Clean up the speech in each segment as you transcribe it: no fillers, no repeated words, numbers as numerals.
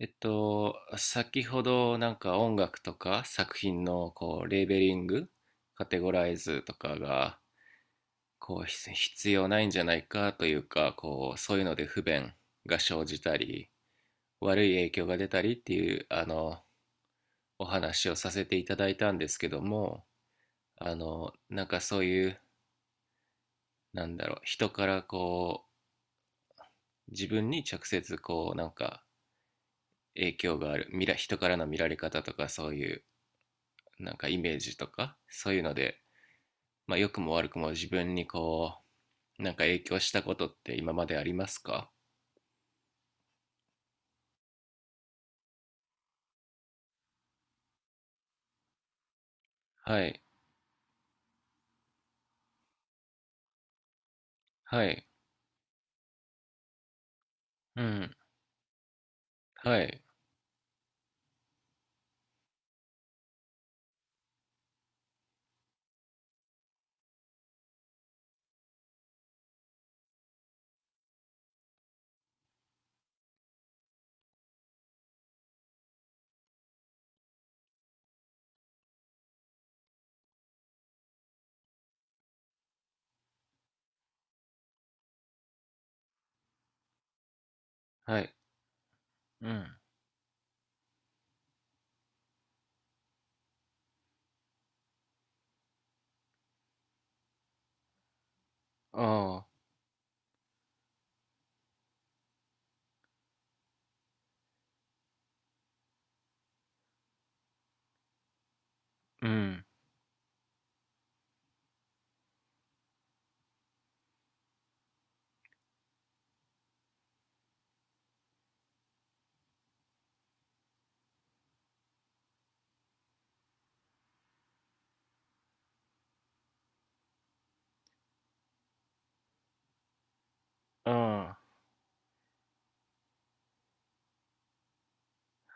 先ほどなんか音楽とか作品のこうレーベリング、カテゴライズとかがこう必要ないんじゃないかというか、こうそういうので不便が生じたり、悪い影響が出たりっていうあのお話をさせていただいたんですけども、あのなんかそういうなんだろう、人からこう自分に直接こうなんか影響がある、人からの見られ方とかそういうなんかイメージとかそういうので、まあ、良くも悪くも自分にこう、なんか影響したことって今までありますか？はい、はい、うん、はい、はい、うん、ああ、うん、あ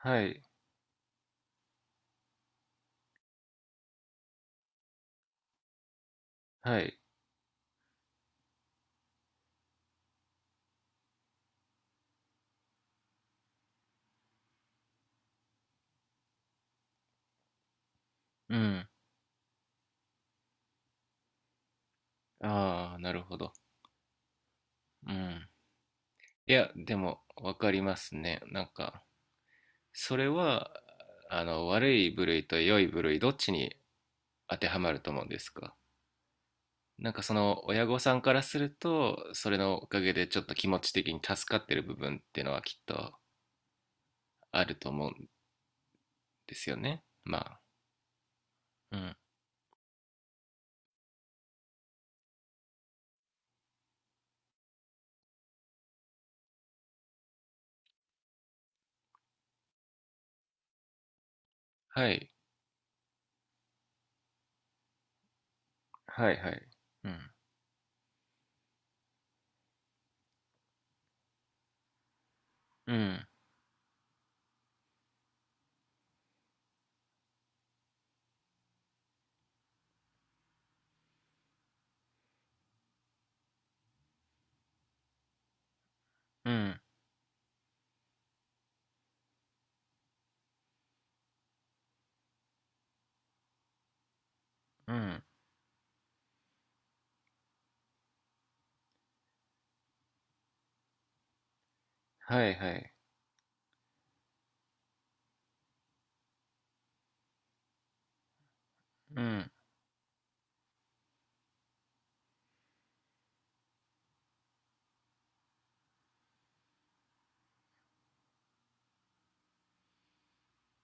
あ、はい、はい、うん、ああ、なるほど。うん。いや、でも、わかりますね。なんか、それは、あの、悪い部類と良い部類、どっちに当てはまると思うんですか？なんかその親御さんからすると、それのおかげでちょっと気持ち的に助かってる部分っていうのはきっとあると思うんですよね。まあ、うん、あ。はい。はいはい。うん、うん、うん、うん、はいはい。うん、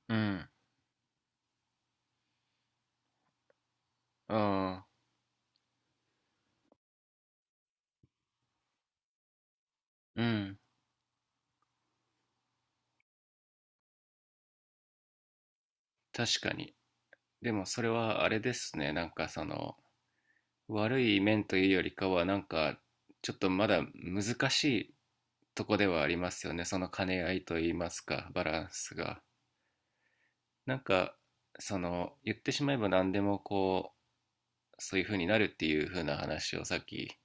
うん、ああ、うん、確かに。でもそれはあれですね。なんかその、悪い面というよりかは、なんか、ちょっとまだ難しいとこではありますよね。その兼ね合いといいますか、バランスが。なんか、その、言ってしまえば何でもこう、そういう風になるっていう風な話をさっき、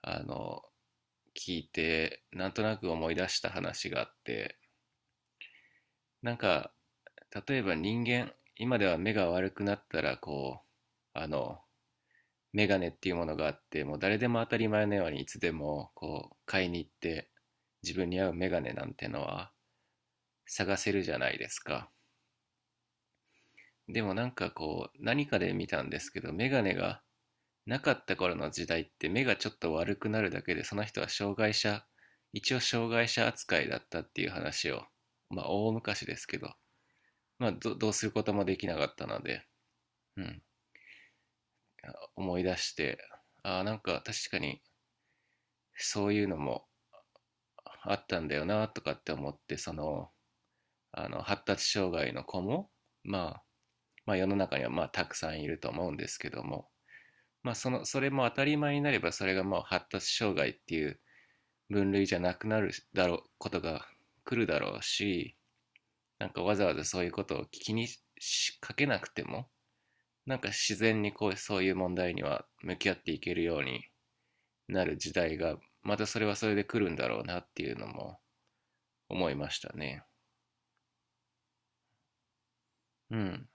あの、聞いてなんとなく思い出した話があって。なんか例えば、人間今では目が悪くなったらこう、あのメガネっていうものがあって、もう誰でも当たり前のようにいつでもこう買いに行って、自分に合うメガネなんてのは探せるじゃないですか。でもなんかこう、何かで見たんですけど、メガネがなかった頃の時代って、目がちょっと悪くなるだけでその人は障害者一応障害者扱いだったっていう話を、まあ大昔ですけど、まあ、どうすることもできなかったので、うん、思い出して、ああなんか確かにそういうのもあったんだよなとかって思って。その、あの発達障害の子も、まあ、まあ世の中にはまあたくさんいると思うんですけども、まあ、そのそれも当たり前になれば、それがまあ発達障害っていう分類じゃなくなるだろうことが来るだろうし、なんかわざわざそういうことを気にしかけなくても、なんか自然にこう、そういう問題には向き合っていけるようになる時代が、またそれはそれで来るんだろうなっていうのも思いましたね。うん、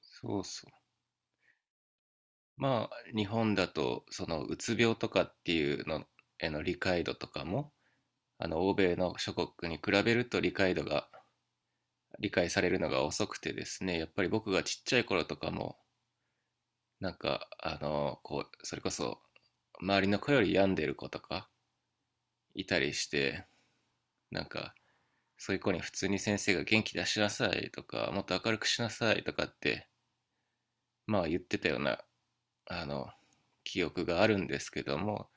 そうそう。まあ日本だと、そのうつ病とかっていうのへの理解度とかも、あの欧米の諸国に比べると、理解されるのが遅くてですね、やっぱり僕がちっちゃい頃とかも、なんか、あの、こう、それこそ、周りの子より病んでる子とかいたりして、なんか、そういう子に普通に先生が元気出しなさいとか、もっと明るくしなさいとかって、まあ言ってたような、あの、記憶があるんですけども、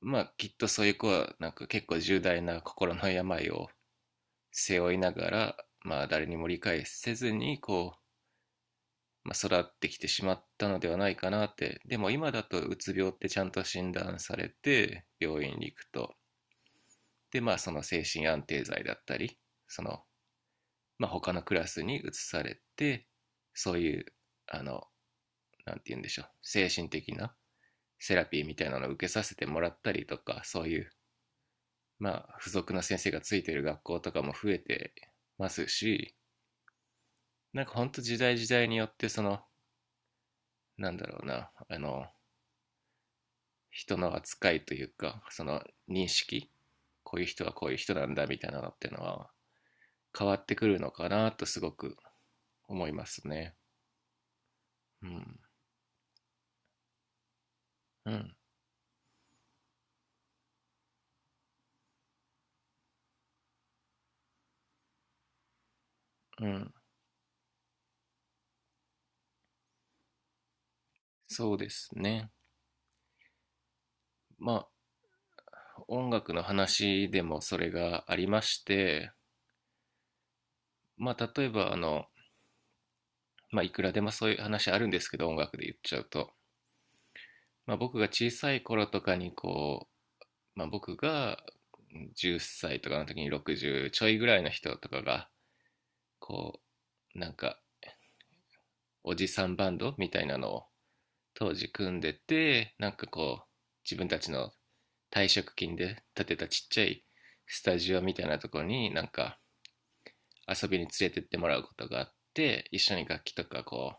まあきっとそういう子は、なんか結構重大な心の病を背負いながら、まあ誰にも理解せずに、まあ、育ってきてしまったのではないかなって。でも今だと、うつ病ってちゃんと診断されて病院に行くと、でまあその精神安定剤だったり、その、まあ、他のクラスに移されて、そういう、あの、なんて言うんでしょう、精神的なセラピーみたいなのを受けさせてもらったりとか、そういう、まあ、付属の先生がついてる学校とかも増えてますし、なんか本当、時代時代によってその、なんだろうな、あの人の扱いというか、その認識、こういう人はこういう人なんだみたいなのっていうのは変わってくるのかなと、すごく思いますね。うん、うん、うん、そうですね。まあ音楽の話でもそれがありまして、まあ例えば、あの、まあ、いくらでもそういう話あるんですけど、音楽で言っちゃうと、まあ、僕が小さい頃とかにこう、まあ、僕が10歳とかの時に、60ちょいぐらいの人とかがこう、なんかおじさんバンドみたいなのを当時組んでて、なんかこう自分たちの退職金で建てたちっちゃいスタジオみたいなとこに、なんか遊びに連れてってもらうことがあって、一緒に楽器とかこう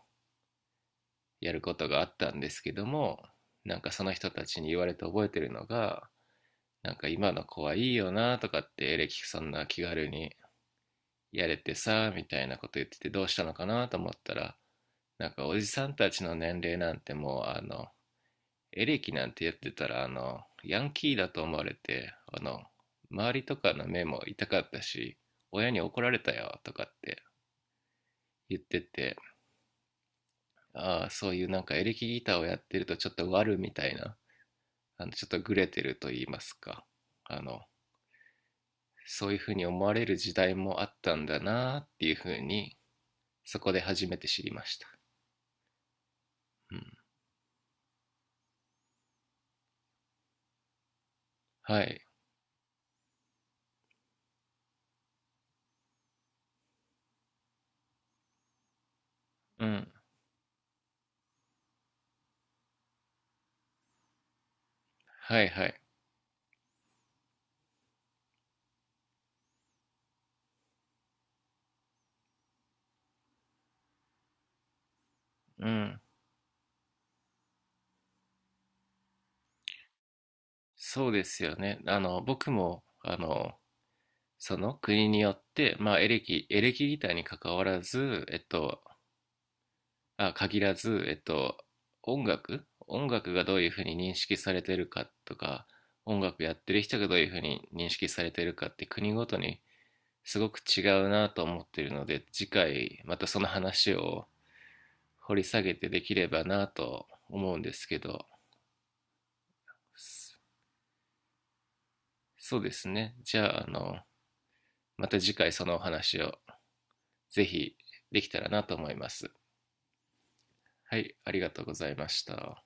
やることがあったんですけども、なんかその人たちに言われて覚えてるのが、なんか今の子はいいよなとかって、エレキそんな気軽にやれてさみたいなこと言ってて、どうしたのかなと思ったら、なんかおじさんたちの年齢なんてもう、あのエレキなんてやってたら、あの、ヤンキーだと思われて、あの、周りとかの目も痛かったし、親に怒られたよとかって言ってて、ああ、そういうなんかエレキギターをやってるとちょっと悪みたいな、あの、ちょっとグレてると言いますか、あの、そういうふうに思われる時代もあったんだなっていうふうに、そこで初めて知りました。うん。はい。うん。はいはい。うん。そうですよね。あの、僕も、あの、その国によって、まあ、エレキギターに関わらず、えっと、あ、限らず、音楽がどういうふうに認識されてるかとか、音楽やってる人がどういうふうに認識されてるかって国ごとにすごく違うなと思ってるので、次回またその話を掘り下げてできればなと思うんですけど、そうですね。じゃあ、あの、また次回そのお話をぜひできたらなと思います。はい、ありがとうございました。